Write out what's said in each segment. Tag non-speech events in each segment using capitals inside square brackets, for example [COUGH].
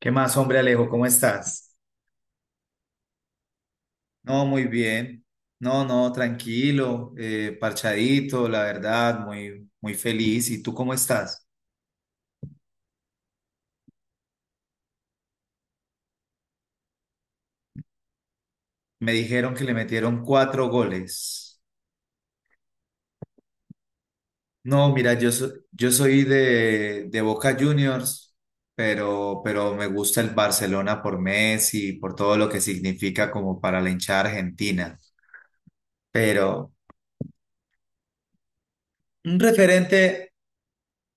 ¿Qué más, hombre Alejo? ¿Cómo estás? No, muy bien. No, no, tranquilo, parchadito, la verdad, muy, muy feliz. ¿Y tú cómo estás? Me dijeron que le metieron cuatro goles. No, mira, yo soy de Boca Juniors, pero me gusta el Barcelona por Messi, por todo lo que significa como para la hinchada argentina. Pero un referente,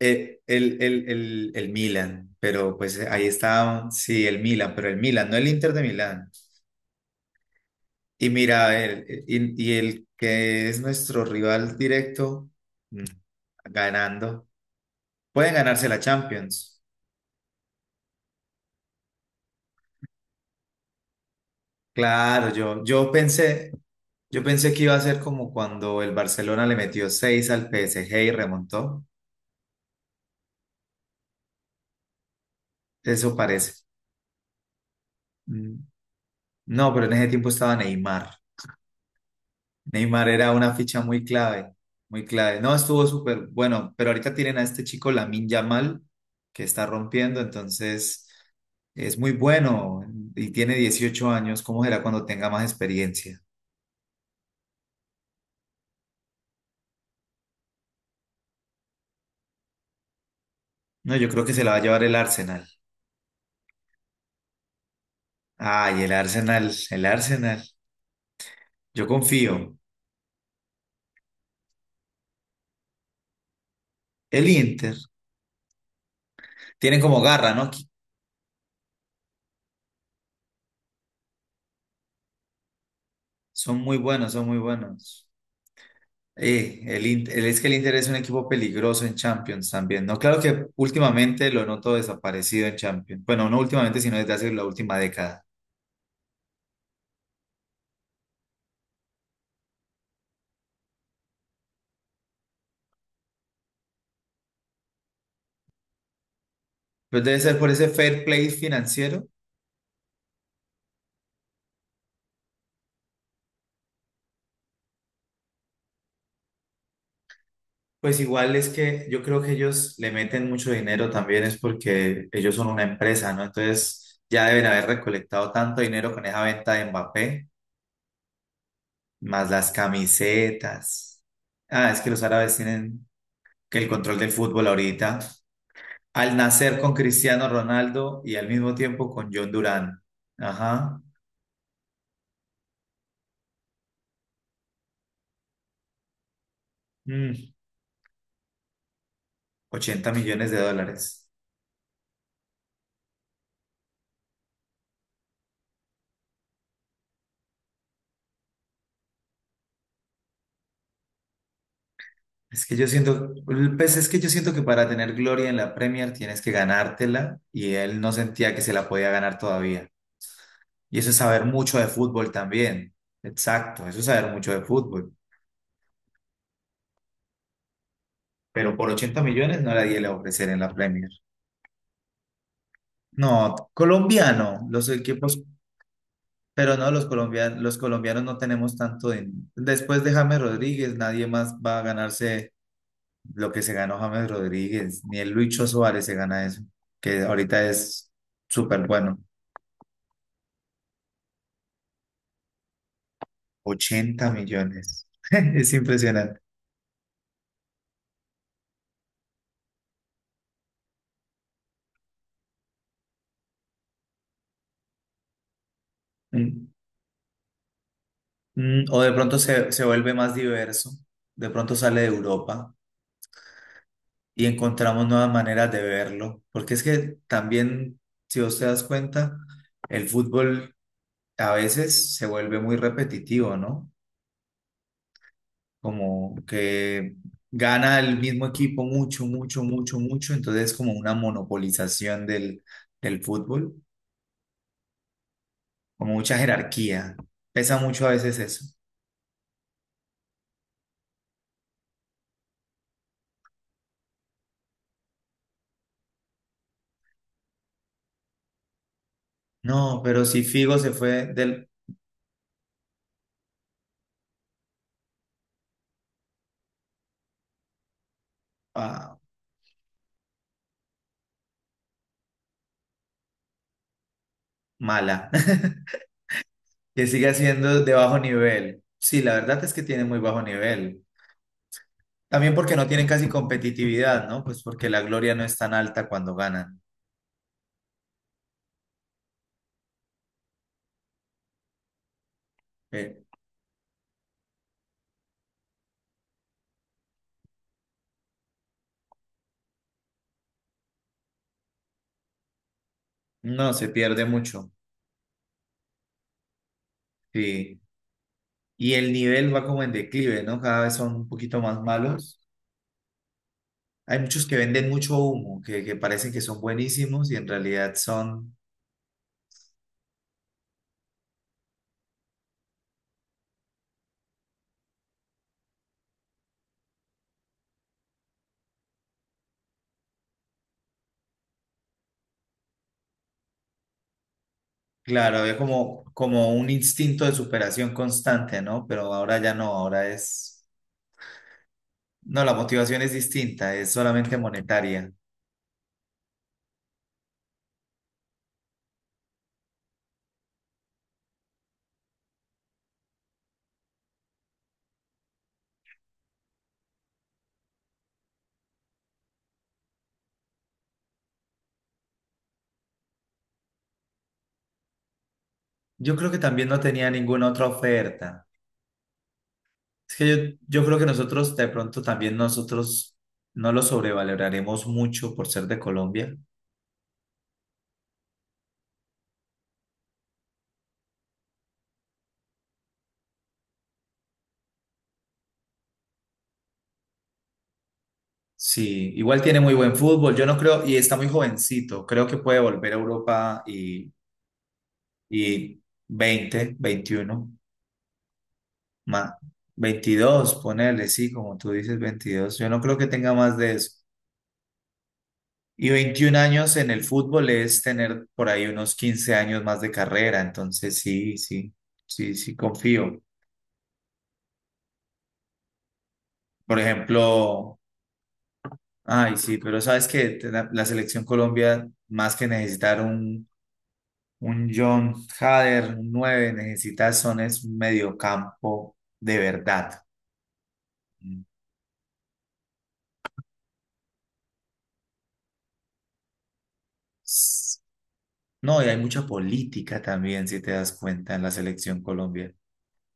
el Milan, pero pues ahí está, sí, el Milan, pero el Milan, no el Inter de Milán. Y mira, y el que es nuestro rival directo, mm, ganando, pueden ganarse la Champions. Claro, yo pensé que iba a ser como cuando el Barcelona le metió 6 al PSG y remontó. Eso parece. Mm. No, pero en ese tiempo estaba Neymar. Neymar era una ficha muy clave, muy clave. No, estuvo súper bueno, pero ahorita tienen a este chico Lamine Yamal que está rompiendo, entonces es muy bueno y tiene 18 años. ¿Cómo será cuando tenga más experiencia? No, yo creo que se la va a llevar el Arsenal. Ay, el Arsenal, el Arsenal. Yo confío. El Inter. Tienen como garra, ¿no? Son muy buenos, son muy buenos. Es que el Inter es un equipo peligroso en Champions también, ¿no? Claro que últimamente lo noto desaparecido en Champions. Bueno, no últimamente, sino desde hace la última década. Pero debe ser por ese fair play financiero. Pues igual es que yo creo que ellos le meten mucho dinero también es porque ellos son una empresa, ¿no? Entonces ya deben haber recolectado tanto dinero con esa venta de Mbappé, más las camisetas. Ah, es que los árabes tienen que el control del fútbol ahorita. Al nacer con Cristiano Ronaldo y al mismo tiempo con John Durán. Ajá. Mm, 80 millones de dólares. Es que yo siento, es que yo siento que para tener gloria en la Premier tienes que ganártela y él no sentía que se la podía ganar todavía. Y eso es saber mucho de fútbol también. Exacto, eso es saber mucho de fútbol. Pero por 80 millones no la di a ofrecer en la Premier. No, colombiano, los equipos. Pero no, los colombianos, no tenemos tanto dinero. Después de James Rodríguez, nadie más va a ganarse lo que se ganó James Rodríguez, ni el Lucho Suárez se gana eso, que ahorita es súper bueno. 80 millones. [LAUGHS] Es impresionante. Mm, O de pronto se vuelve más diverso, de pronto sale de Europa y encontramos nuevas maneras de verlo, porque es que también, si vos te das cuenta, el fútbol a veces se vuelve muy repetitivo, ¿no? Como que gana el mismo equipo mucho, mucho, mucho, mucho, entonces como una monopolización del fútbol, como mucha jerarquía. Pesa mucho a veces eso. No, pero si Figo se fue del ah, mala, [LAUGHS] que sigue siendo de bajo nivel. Sí, la verdad es que tiene muy bajo nivel. También porque no tienen casi competitividad, ¿no? Pues porque la gloria no es tan alta cuando ganan. Eh, no, se pierde mucho. Sí. Y el nivel va como en declive, ¿no? Cada vez son un poquito más malos. Hay muchos que venden mucho humo, que parecen que son buenísimos y en realidad son, claro, había como, un instinto de superación constante, ¿no? Pero ahora ya no, ahora es, no, la motivación es distinta, es solamente monetaria. Yo creo que también no tenía ninguna otra oferta. Es que yo creo que nosotros, de pronto también nosotros no lo sobrevaloraremos mucho por ser de Colombia. Sí, igual tiene muy buen fútbol, yo no creo, y está muy jovencito, creo que puede volver a Europa y, 20, 21, más, 22, ponerle, sí, como tú dices, 22. Yo no creo que tenga más de eso. Y 21 años en el fútbol es tener por ahí unos 15 años más de carrera, entonces sí, sí, sí, sí, confío. Por ejemplo, ay, sí, pero sabes que la selección Colombia, más que necesitar un John Hader, un 9, necesitas son es un mediocampo de verdad. Mm. S- No, y hay mucha política también, si te das cuenta, en la selección Colombia.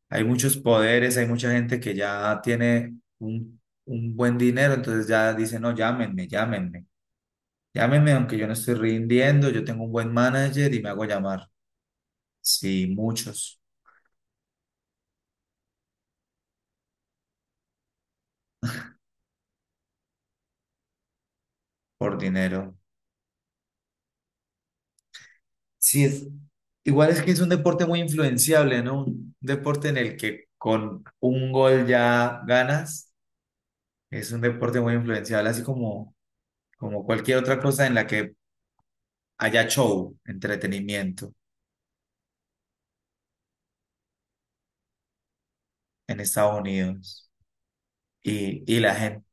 Hay muchos poderes, hay mucha gente que ya tiene un buen dinero, entonces ya dice, no, llámenme, llámenme, llámenme, aunque yo no estoy rindiendo, yo tengo un buen manager y me hago llamar. Sí, muchos por dinero. Sí, igual es que es un deporte muy influenciable, ¿no? Un deporte en el que con un gol ya ganas, es un deporte muy influenciable, así como cualquier otra cosa en la que haya show, entretenimiento en Estados Unidos. Y la gente,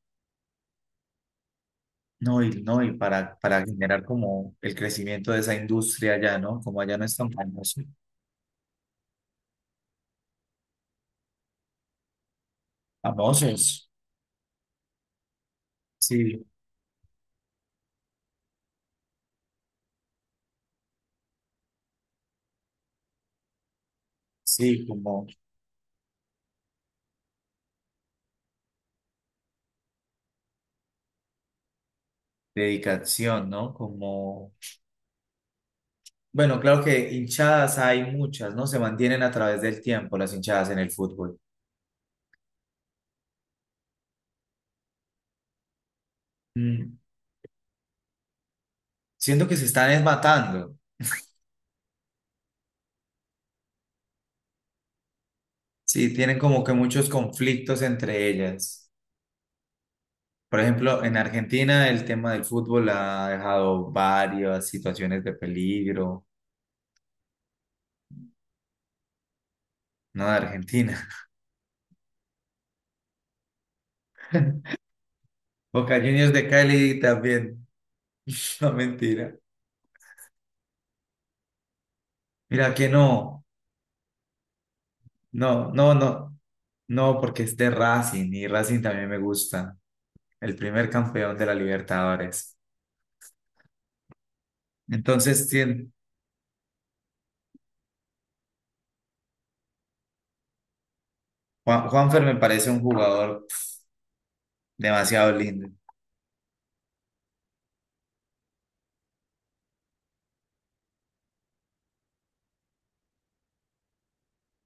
no, para generar como el crecimiento de esa industria allá, ¿no? Como allá no es tan famoso. Famosos. Sí, sí, como dedicación, ¿no? Como Bueno, claro que hinchadas hay muchas, ¿no? Se mantienen a través del tiempo las hinchadas en el fútbol. Mm, Siento que se están es matando, sí, tienen como que muchos conflictos entre ellas. Por ejemplo, en Argentina el tema del fútbol ha dejado varias situaciones de peligro, ¿no? De Argentina. [LAUGHS] Boca Juniors de Cali también, [LAUGHS] no mentira. Mira que no, no, no, no, no, porque es de Racing y Racing también me gusta, el primer campeón de la Libertadores. Entonces, sí, Juanfer me parece un jugador demasiado lindo.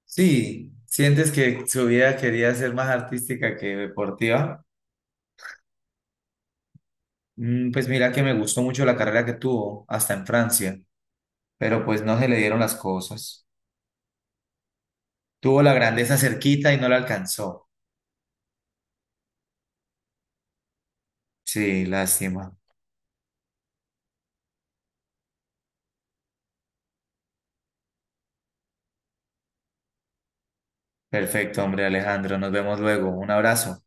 Sí, ¿sientes que su vida quería ser más artística que deportiva? Pues mira que me gustó mucho la carrera que tuvo, hasta en Francia, pero pues no se le dieron las cosas. Tuvo la grandeza cerquita y no la alcanzó. Sí, lástima. Perfecto, hombre Alejandro, nos vemos luego. Un abrazo.